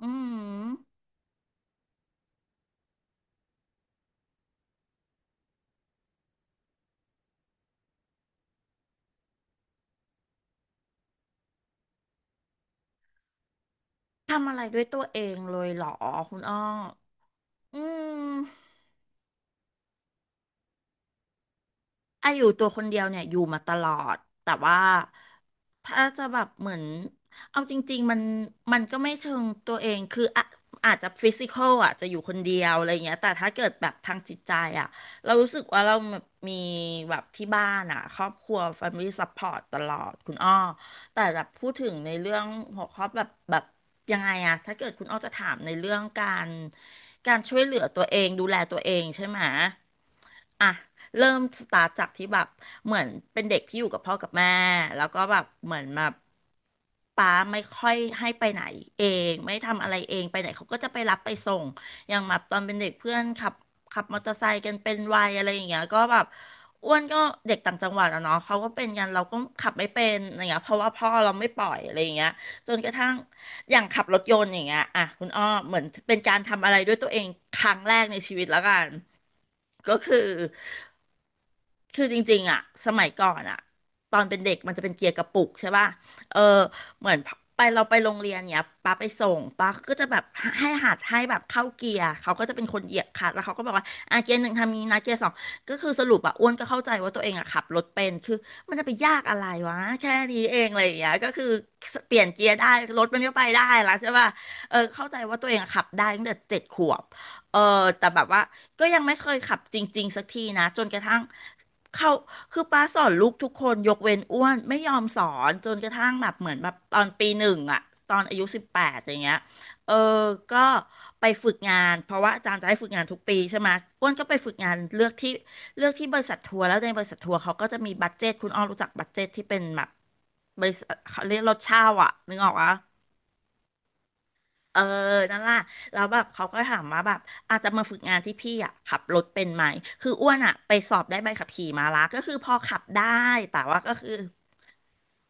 อืมทำอะไรด้วยตัวเองเลยเหรอคุณอ้ออืม อายุตัวคนเดียวเนี่ยอยู่มาตลอดแต่ว่าถ้าจะแบบเหมือนเอาจริงๆมันก็ไม่เชิงตัวเองคืออะอาจจะฟิสิกอลอ่ะจะอยู่คนเดียวอะไรเงี้ยแต่ถ้าเกิดแบบทางจิตใจอ่ะเรารู้สึกว่าเราแบบมีแบบที่บ้านอ่ะครอบครัว Family Support ตลอดคุณอ้อแต่แบบพูดถึงในเรื่องหัวข้อแบบยังไงอะถ้าเกิดคุณอ้อจะถามในเรื่องการช่วยเหลือตัวเองดูแลตัวเองใช่ไหม อ่ะเริ่มสตาร์ทจากที่แบบเหมือนเป็นเด็กที่อยู่กับพ่อกับแม่แล้วก็แบบเหมือนแบบป้าไม่ค่อยให้ไปไหนเองไม่ทำอะไรเองไปไหนเขาก็จะไปรับไปส่งอย่างแบบตอนเป็นเด็กเพื่อนขับมอเตอร์ไซค์กันเป็นวัยอะไรอย่างเงี้ยก็แบบอ้วนก็เด็กต่างจังหวัดอะเนาะเขาก็เป็นกันเราก็ขับไม่เป็นอะไรเงี้ยเพราะว่าพ่อเราไม่ปล่อยอะไรอย่างเงี้ยจนกระทั่ง อย่างขับรถยนต์อย่างเงี้ยอ่ะคุณอ้อเหมือนเป็นการทำอะไรด้วยตัวเองครั้งแรกในชีวิตแล้วกันก็คือ คือจริงๆอ่ะสมัยก่อนอ่ะตอนเป็นเด็กมันจะเป็นเกียร์กระปุกใช่ป่ะเออเหมือนไปเราไปโรงเรียนเนี้ยป้าไปส่งป้าก็จะแบบให้หัดให้แบบเข้าเกียร์เขาก็จะเป็นคนเหยียบคลัตช์แล้วเขาก็บอกว่าอ่ะเกียร์หนึ่งทำนี้นะเกียร์สองก็คือสรุปอ่ะอ้วนก็เข้าใจว่าตัวเองอ่ะขับรถเป็นคือมันจะไปยากอะไรวะแค่นี้เองอะไรอย่างเงี้ยก็คือเปลี่ยนเกียร์ได้รถมันก็ไปได้ละใช่ป่ะเออเข้าใจว่าตัวเองอะขับได้ตั้งแต่7 ขวบเออแต่แบบว่า ก็ยังไม่เคยขับจริงๆสักทีนะจนกระทั่งเขาคือป้าสอนลูกทุกคนยกเว้นอ้วนไม่ยอมสอนจนกระทั่งแบบเหมือนแบบตอนปีหนึ่งอะตอนอายุ18อย่างเงี้ยเออก็ไปฝึกงานเพราะว่าอาจารย์จะให้ฝึกงานทุกปีใช่ไหมอ้วนก็ไปฝึกงานเลือกที่บริษัททัวร์แล้วในบริษัททัวร์เขาก็จะมีบัดเจตคุณอ้อมรู้จักบัดเจตที่เป็นแบบบริษัทเขาเรียกรถเช่าอะนึกออกปะ เออนั่นล่ะแล้วแบบเขาก็ถามว่าแบบอาจจะมาฝึกงานที่พี่อ่ะขับรถเป็นไหมคืออ้วนอ่ะไปสอบได้ใบขับขี่มาละก็คือพอขับได้แต่ว่าก็คือ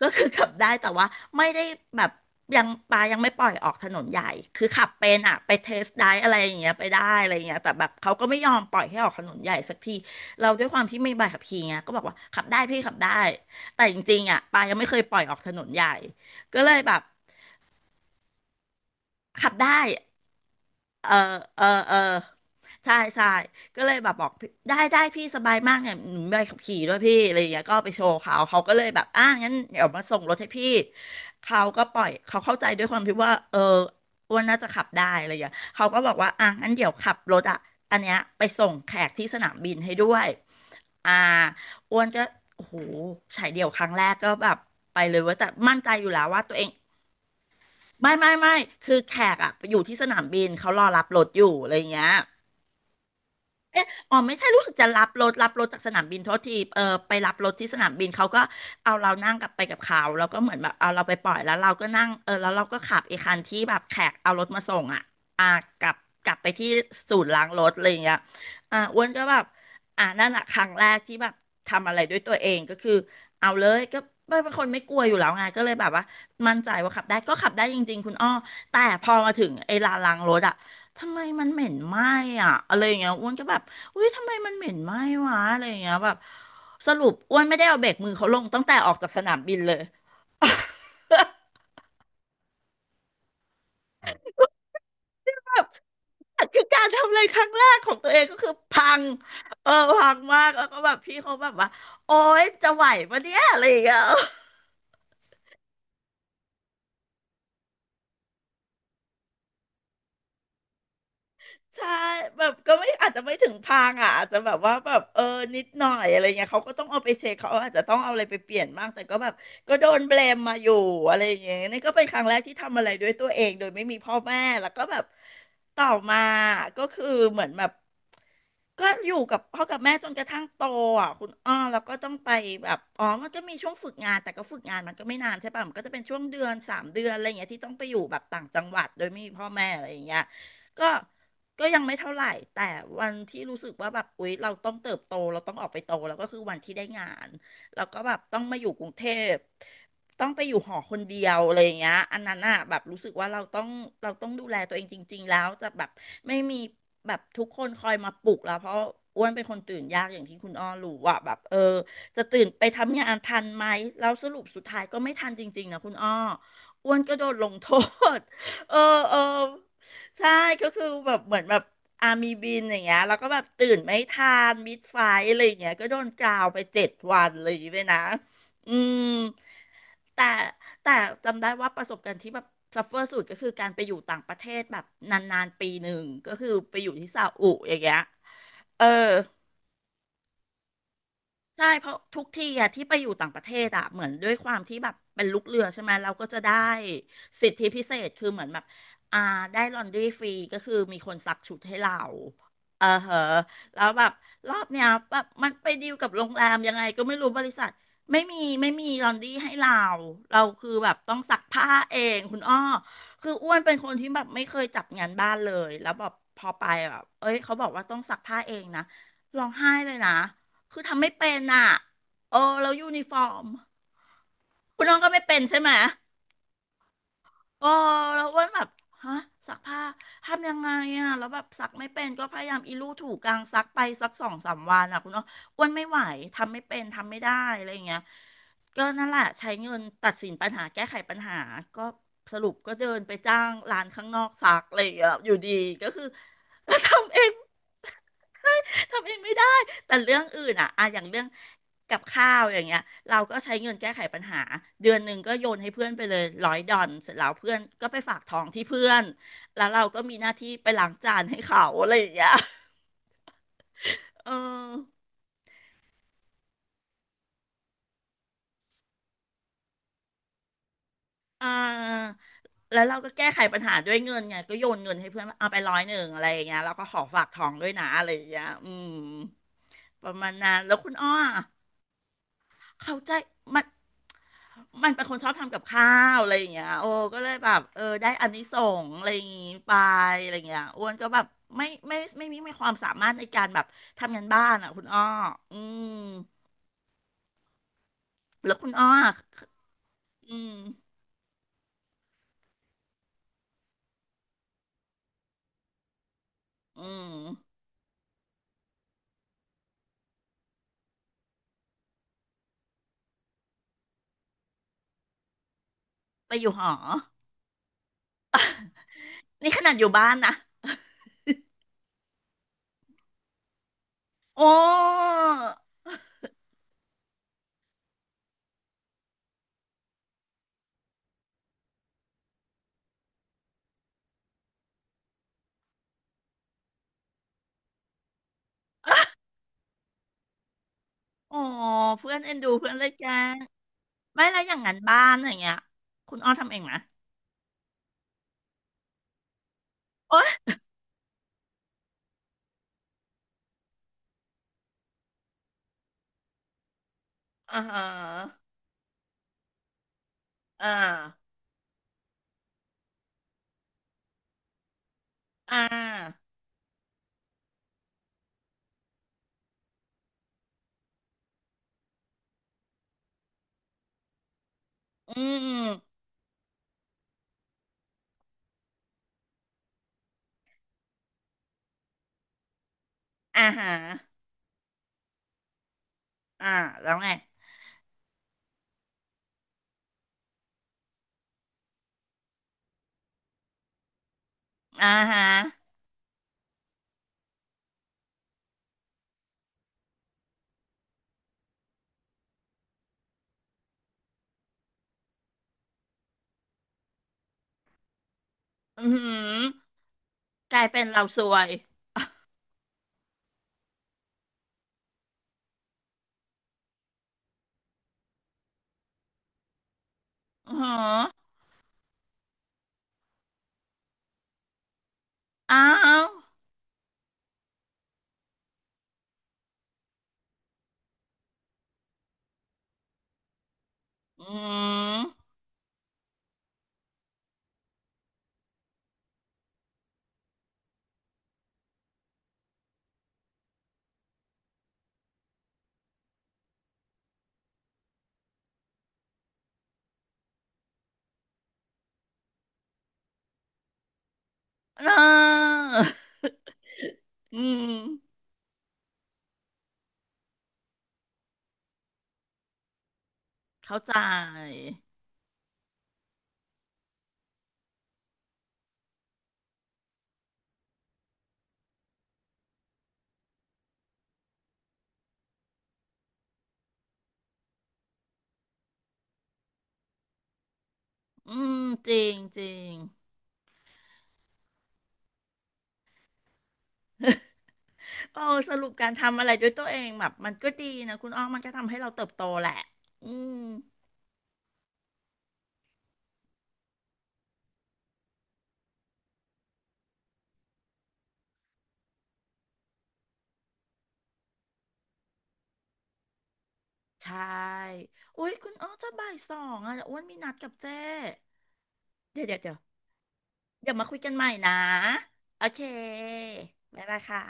ก็คือขับได้แต่ว่าไม่ได้แบบยังปายังไม่ปล่อยออกถนนใหญ่คือขับเป็นอ่ะไปเทสได้อะไรอย่างเงี้ยไปได้อะไรอย่างเงี้ยแต่แบบเขาก็ไม่ยอมปล่อยให้ออกถนนใหญ่สักทีเราด้วยความที่ไม่มีใบขับขี่ไงก็บอกว่าขับได้พี่ขับได้แต่จริงๆอ่ะปายังไม่เคยปล่อยออกถนนใหญ่ก็เลยแบบขับได้ เออเออเออใช่ใช่ก็เลยแบบบอกพี่ได้ได้พี่สบายมากเนี่ยหนูมีใบขับขี่ด้วยพี่อะไรอย่างเงี้ยก็เอาไปโชว์เขาเขาก็เลยแบบอ่ะงั้นเดี๋ยวมาส่งรถให้พี่เขาก็ปล่อยเขาเข้าใจด้วยความที่ว่าเอออ้วนน่าจะขับได้อะไรอย่างเงี้ยเขาก็บอกว่าอ่ะงั้นเดี๋ยวขับรถอ่ะอันเนี้ยไปส่งแขกที่สนามบินให้ด้วยอ่าอ้วนก็โอ้โหฉายเดี่ยวครั้งแรกก็แบบไปเลยเว่าแต่มั่นใจอยู่แล้วว่าตัวเอง ไม่ไม่ไม่คือแขกอะอยู่ที่สนามบิน เขารอรับรถอยู่อะไรอย่างเงี้ย เอออ๋อไม่ใช่รู้สึกจะรับรถจากสนามบินโทษทีเออไปรับรถที่สนามบินเขาก็เอาเรานั่งกลับไปกับเขาแล้วก็เหมือนแบบเอาเราไปปล่อยแล้วเราก็นั่งเออแล้วเราก็ขับไอ้คันที่แบบแขกเอารถมาส่งอ่ะอ่ากลับกลับไปที่ศูนย์ล้างรถอะไรอย่างเงี้ยอ่าอ้วนก็แบบอ่านั่นอะครั้งแรกที่แบบทำอะไรด้วยตัวเองก็คือเอาเลยก็ไม่เป็นคนไม่กลัวอยู่แล้วไงก็เลยแบบว่ามั่นใจว่าขับได้ก็ขับได้จริงๆคุณอ้อแต่พอมาถึงไอ้ลานล้างรถอ่ะ ทำไมมันเหม็นไหม้อ่ะอะไรอย่างเงี้ยอ้วนก็แบบอุ้ยทำไมมันเหม็นไหม้วะอะไรอย่างเงี้ยแบบสรุปอ้วนไม่ได้เอาเบรกมือเขาลงตั้งแต่ออกจากสนามบินเลยแบบคือการทำอะไรครั้งแรกของตัวเองก็คือพังเออพังมากแล้วก็แบบพี่เขาแบบว่าโอ๊ยจะไหวปะเนี่ยอะไรอย่างเงี้ย ใช่แบบก็ไม่อาจจะไม่ถึงพังอ่ะอาจจะแบบว่าแบบเออนิดหน่อยอะไรเงี้ยเขาก็ต้องเอาไปเช็คเขาอาจจะต้องเอาอะไรไปเปลี่ยนบ้างแต่ก็แบบก็โดนเบลมมาอยู่อะไรอย่างเงี้ยนี่ก็เป็นครั้งแรกที่ทำอะไรด้วยตัวเองโดยไม่มีพ่อแม่แล้วก็แบบต่อมาก็คือเหมือนแบบก็อยู่กับพ่อกับแม่จนกระทั่งโตอ่ะคุณอ้อแล้วก็ต้องไปแบบอ๋อมันก็มีช่วงฝึกงานแต่ก็ฝึกงานมันก็ไม่นานใช่ป่ะมันก็จะเป็นช่วงเดือนสามเดือนอะไรอย่างเงี้ยที่ต้องไปอยู่แบบต่างจังหวัดโดยไม่มีพ่อแม่อะไรอย่างเงี้ยก็ ก็ยังไม่เท่าไหร่แต่วันที่รู้สึกว่าแบบอุ๊ยเราต้องเติบโตเราต้องออกไปโตแล้วก็คือวันที่ได้งานแล้วก็แบบต้องมาอยู่กรุงเทพต้องไปอยู่หอคนเดียวอะไรอย่างเงี้ยอันนั้นอ่ะแบบรู้สึกว่าเราต้องดูแลตัวเองจริงๆแล้วจะแบบไม่มีแบบทุกคนคอยมาปลุกแล้วเพราะอ้วนเป็นคนตื่นยากอย่างที่คุณอ้อรู้ว่าแบบเออจะตื่นไปทำงานทันไหมแล้วสรุปสุดท้ายก็ไม่ทันจริงๆนะคุณอ้ออ้วนก็โดนลงโทษ เออเออ ใช่ก็คือแบบเหมือนแบบอามีบินอย่างเงี้ยแล้วก็แบบตื่นไม่ทันมิดไฟอะไรอย่างเงี้ยก็โดนกราวไปเจ็ดวันอะไรอย่างเลยนะอืมแต่แต่จำได้ว่าประสบการณ์ที่แบบซัฟเฟอร์สุดก็คือการไปอยู่ต่างประเทศแบบนานๆปีหนึ่งก็คือไปอยู่ที่ซาอุอย่างเงี้ยเออ ใช่เพราะทุกทีอะที่ไปอยู่ต่างประเทศอะเหมือนด้วยความที่แบบเป็นลูกเรือใช่ไหมเราก็จะได้สิทธิพิเศษคือเหมือนแบบอ่าได้ลอนดรีฟรีก็คือมีคนซักชุดให้เราเออเหอะแล้วแบบรอบเนี้ยแบบมันไปดีลกับโรงแรมยังไงก็ไม่รู้บริษัทไม่มีลอนดรี้ให้เราเราคือแบบต้องซักผ้าเองคุณอ้อคืออ้วนเป็นคนที่แบบไม่เคยจับงานบ้านเลยแล้วแบบพอไปแบบเอ้ยเขาบอกว่าต้องซักผ้าเองนะร้องไห้เลยนะ คือทำไม่เป็นอ่ะโอ้แล้วยูนิฟอร์มคุณน้องก็ไม่เป็นใช่ไหมโอ้แล้วอ้วนแบบฮะซักผ้าทำยังไงอ่ะแล้วแบบซักไม่เป็นก็พยายามอีลู่ถูกลางซักไปสักสองสามวันอ่ะคุณน้องอ้วนไม่ไหวทำไม่เป็นทำไม่ได้อะไรอย่างเงี้ยก็นั่นแหละใช้เงินตัดสินปัญหาแก้ไขปัญหาก็สรุปก็เดินไปจ้างร้านข้างนอกซักอะไรอย่างเงี้ยอยู่ดีก็คือ ทำเอง ทำเองไม่ได้ แต่เรื่องอื่นอ่ะอะอย่างเรื่องกับข้าวอย่างเงี้ยเราก็ใช้เงินแก้ไขปัญหา เดือนหนึ่งก็โยนให้เพื่อนไปเลยร้อยดอนเสร็จแล้วเพื่อนก็ไปฝากท้องที่เพื่อนแล้วเราก็มีหน้าที่ไปล้างจานให้เขาอะไรอย่างเงี้ย เอออ่าแล้วเราก็แก้ไขปัญหาด้วยเงินไงก็โยนเงินให้เพื่อนว่าเอาไปร้อยหนึ่งอะไรอย่างเงี้ยแล้วก็ขอฝากท้องด้วยนะอะไรอย่างเงี้ยอืมประมาณนั้นแล้วคุณอ้อ เขาใจมันมันเป็นคนชอบทำกับข้าวอะไรอย่างเงี้ยโอ้ก็เลยแบบเออได้อานิสงส์อะไรอย่างงี้ไปอะไรอย่างเงี้ยอ้วนก็แบบไม่ไมมีความสามารถในการแบบทำงานบ้านอ่ะคุณอ้ออืมแล้วคุณอ้ออะอืมอืมไปอยู่หอนี่ขนาดอยู่บ้านนะโอ้โอ้เพื่อนเอ็นดูเพื่อนเลยแกล้งไม่แล้วอย่างงั้นบ้านอย่างเงี้ยคุณอ้อทำเองไหมโอ้ยอ่าฮะอ่าอ่า อืมอ่าฮะอ่าแล้วไงอ่าฮะ อือหือกลายเป็นเราซวยอือหืออ้าวอืมเอออืมเข้าใจ อืมจริงจริง โอ้ สรุปการทำอะไรด้วยตัวเองแบบมันก็ดีนะคุณอ้อมมันก็ทำให้เราเติบโตแหละ อืม ใช่อุ้ย คุณอ้อจะบ่ายสองอ่ะอ้วนมีนัดกับเจ้เดี๋ยวเดี๋ยว เดี๋ยวมาคุยกันใหม่นะ โอเคบ๊ายบายค่ะ